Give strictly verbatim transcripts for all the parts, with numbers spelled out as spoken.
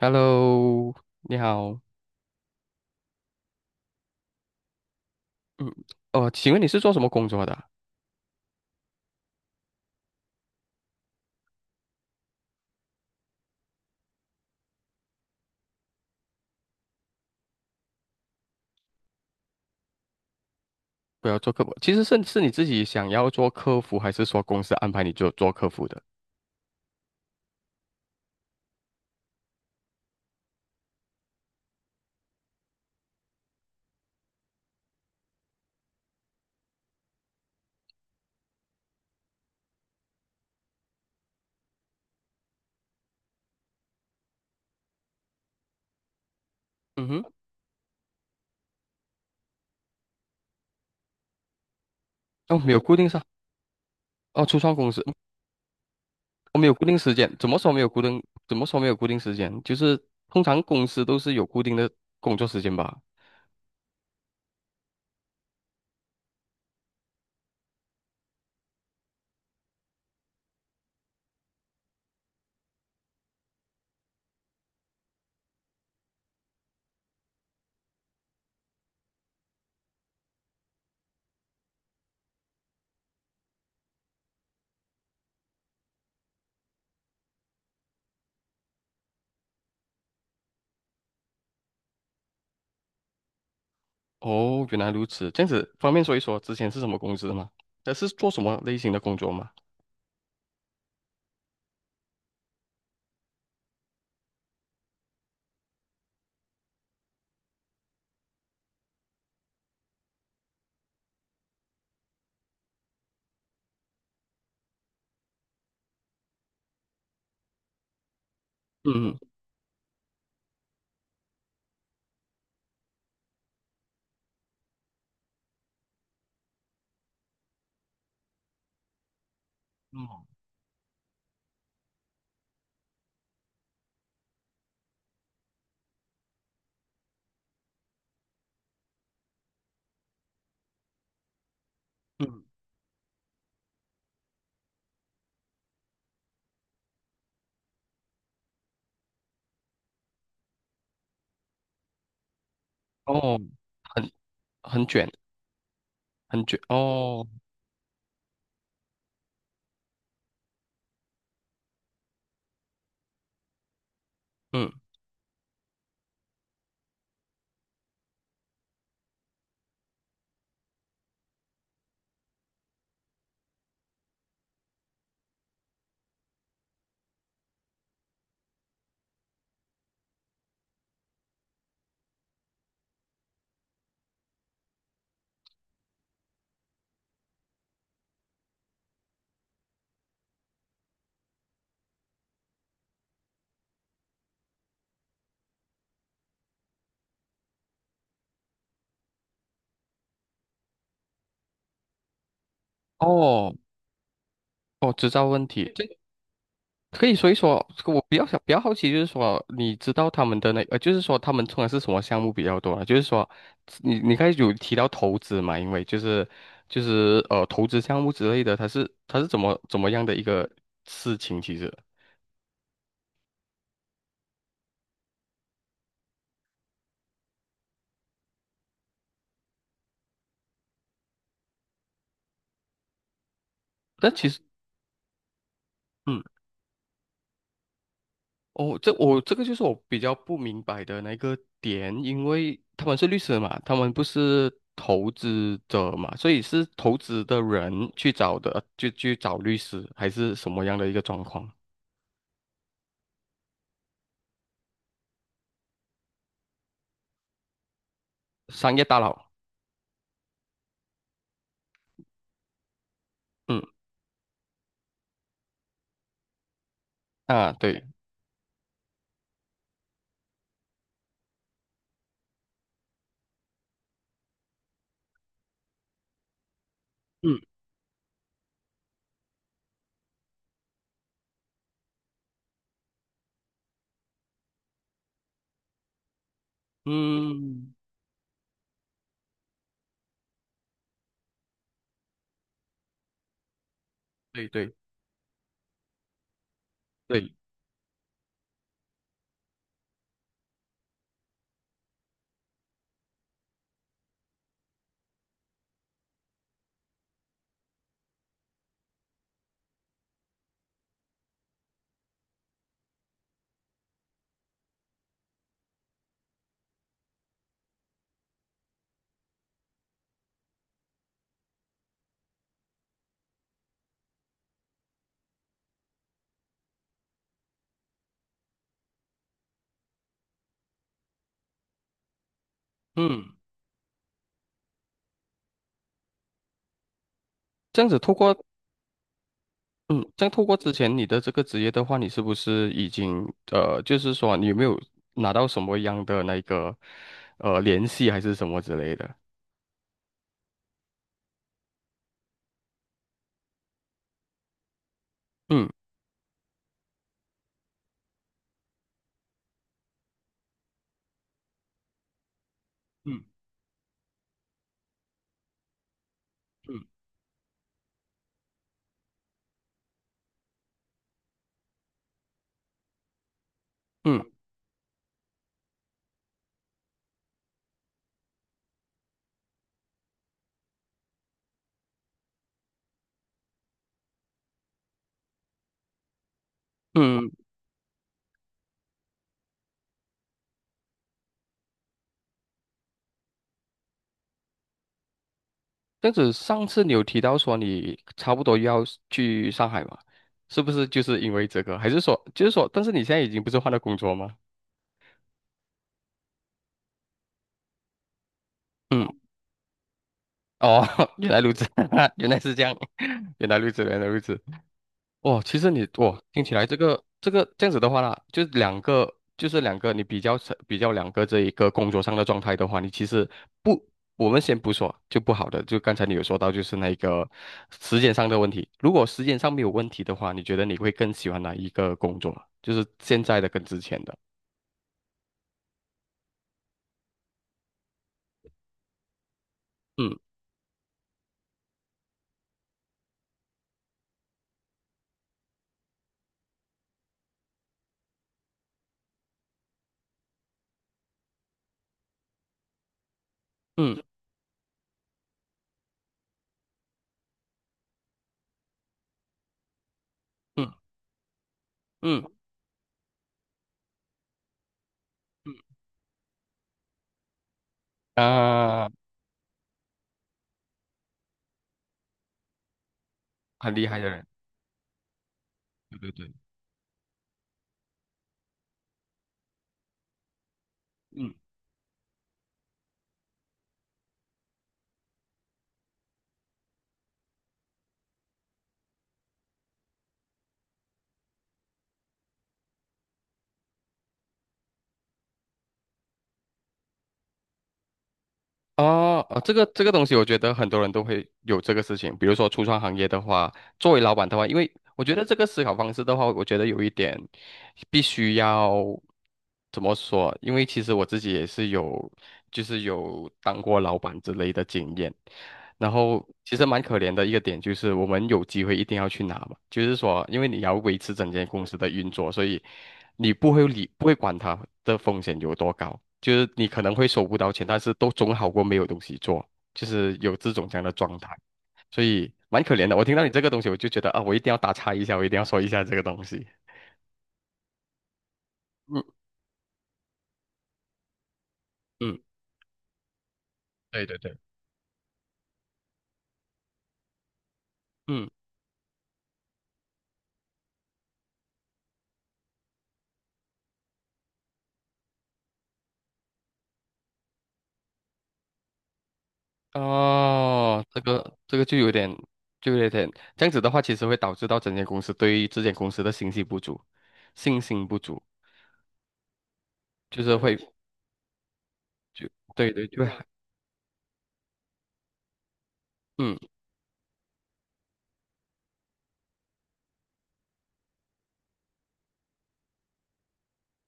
Hello，你好。嗯，哦，请问你是做什么工作的啊。不要做客服，其实是是你自己想要做客服，还是说公司安排你做做客服的？嗯哼，哦，没有固定上，哦，初创公司，我、没有固定时间。怎么说没有固定？怎么说没有固定时间？就是通常公司都是有固定的工作时间吧？哦，原来如此，这样子方便说一说之前是什么公司吗？呃，是做什么类型的工作吗？嗯。嗯。嗯。嗯。哦，很很卷，很卷哦。嗯。哦，哦，知道问题，这可以说一说。我比较想比较好奇，就是说，你知道他们的那呃，就是说他们通常是什么项目比较多啊？就是说，你你刚才有提到投资嘛？因为就是就是呃，投资项目之类的，它是它是怎么怎么样的一个事情？其实，但其实。嗯。哦，这我这个就是我比较不明白的那个点，因为他们是律师嘛，他们不是投资者嘛，所以是投资的人去找的，就去找律师，还是什么样的一个状况？商业大佬，嗯。啊，对，嗯。嗯，对对对，嗯，这样子透过，嗯，这样透过之前你的这个职业的话，你是不是已经呃，就是说你有没有拿到什么样的那个呃联系还是什么之类的？嗯。嗯。嗯。嗯。嗯，这样子，上次你有提到说你差不多要去上海嘛？是不是就是因为这个？还是说，就是说，但是你现在已经不是换了工作吗？嗯，哦，原来如此，原来是这样，原来如此，原来如此。哦，其实你哇听起来这个这个这样子的话啦，就是两个，就是两个，你比较成比较两个这一个工作上的状态的话，你其实不，我们先不说就不好的，就刚才你有说到就是那个时间上的问题。如果时间上没有问题的话，你觉得你会更喜欢哪一个工作啊？就是现在的跟之前的？嗯。嗯。嗯。嗯。嗯。啊，很厉害的人，对对对，嗯。哦，呃，这个这个东西，我觉得很多人都会有这个事情。比如说，初创行业的话，作为老板的话，因为我觉得这个思考方式的话，我觉得有一点必须要怎么说？因为其实我自己也是有，就是有当过老板之类的经验。然后其实蛮可怜的一个点就是，我们有机会一定要去拿嘛，就是说，因为你要维持整间公司的运作，所以你不会理不会管它的风险有多高，就是你可能会收不到钱，但是都总好过没有东西做，就是有这种这样的状态，所以蛮可怜的。我听到你这个东西，我就觉得啊，我一定要打岔一下，我一定要说一下这个东西。嗯。嗯，对对对，嗯。哦，这个这个就有点，就有点这样子的话，其实会导致到整间公司对于这间公司的信息不足，信心不足，就是会就对对对，嗯。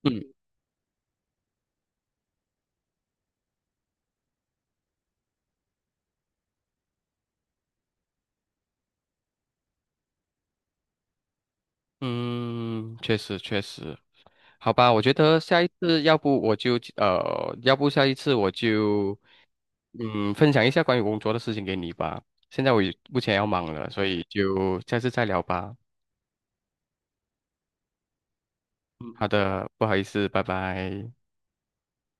嗯。嗯，确实确实，好吧，我觉得下一次要不我就呃，要不下一次我就嗯分享一下关于工作的事情给你吧。现在我也目前要忙了，所以就下次再聊吧。嗯，好的，不好意思，拜拜。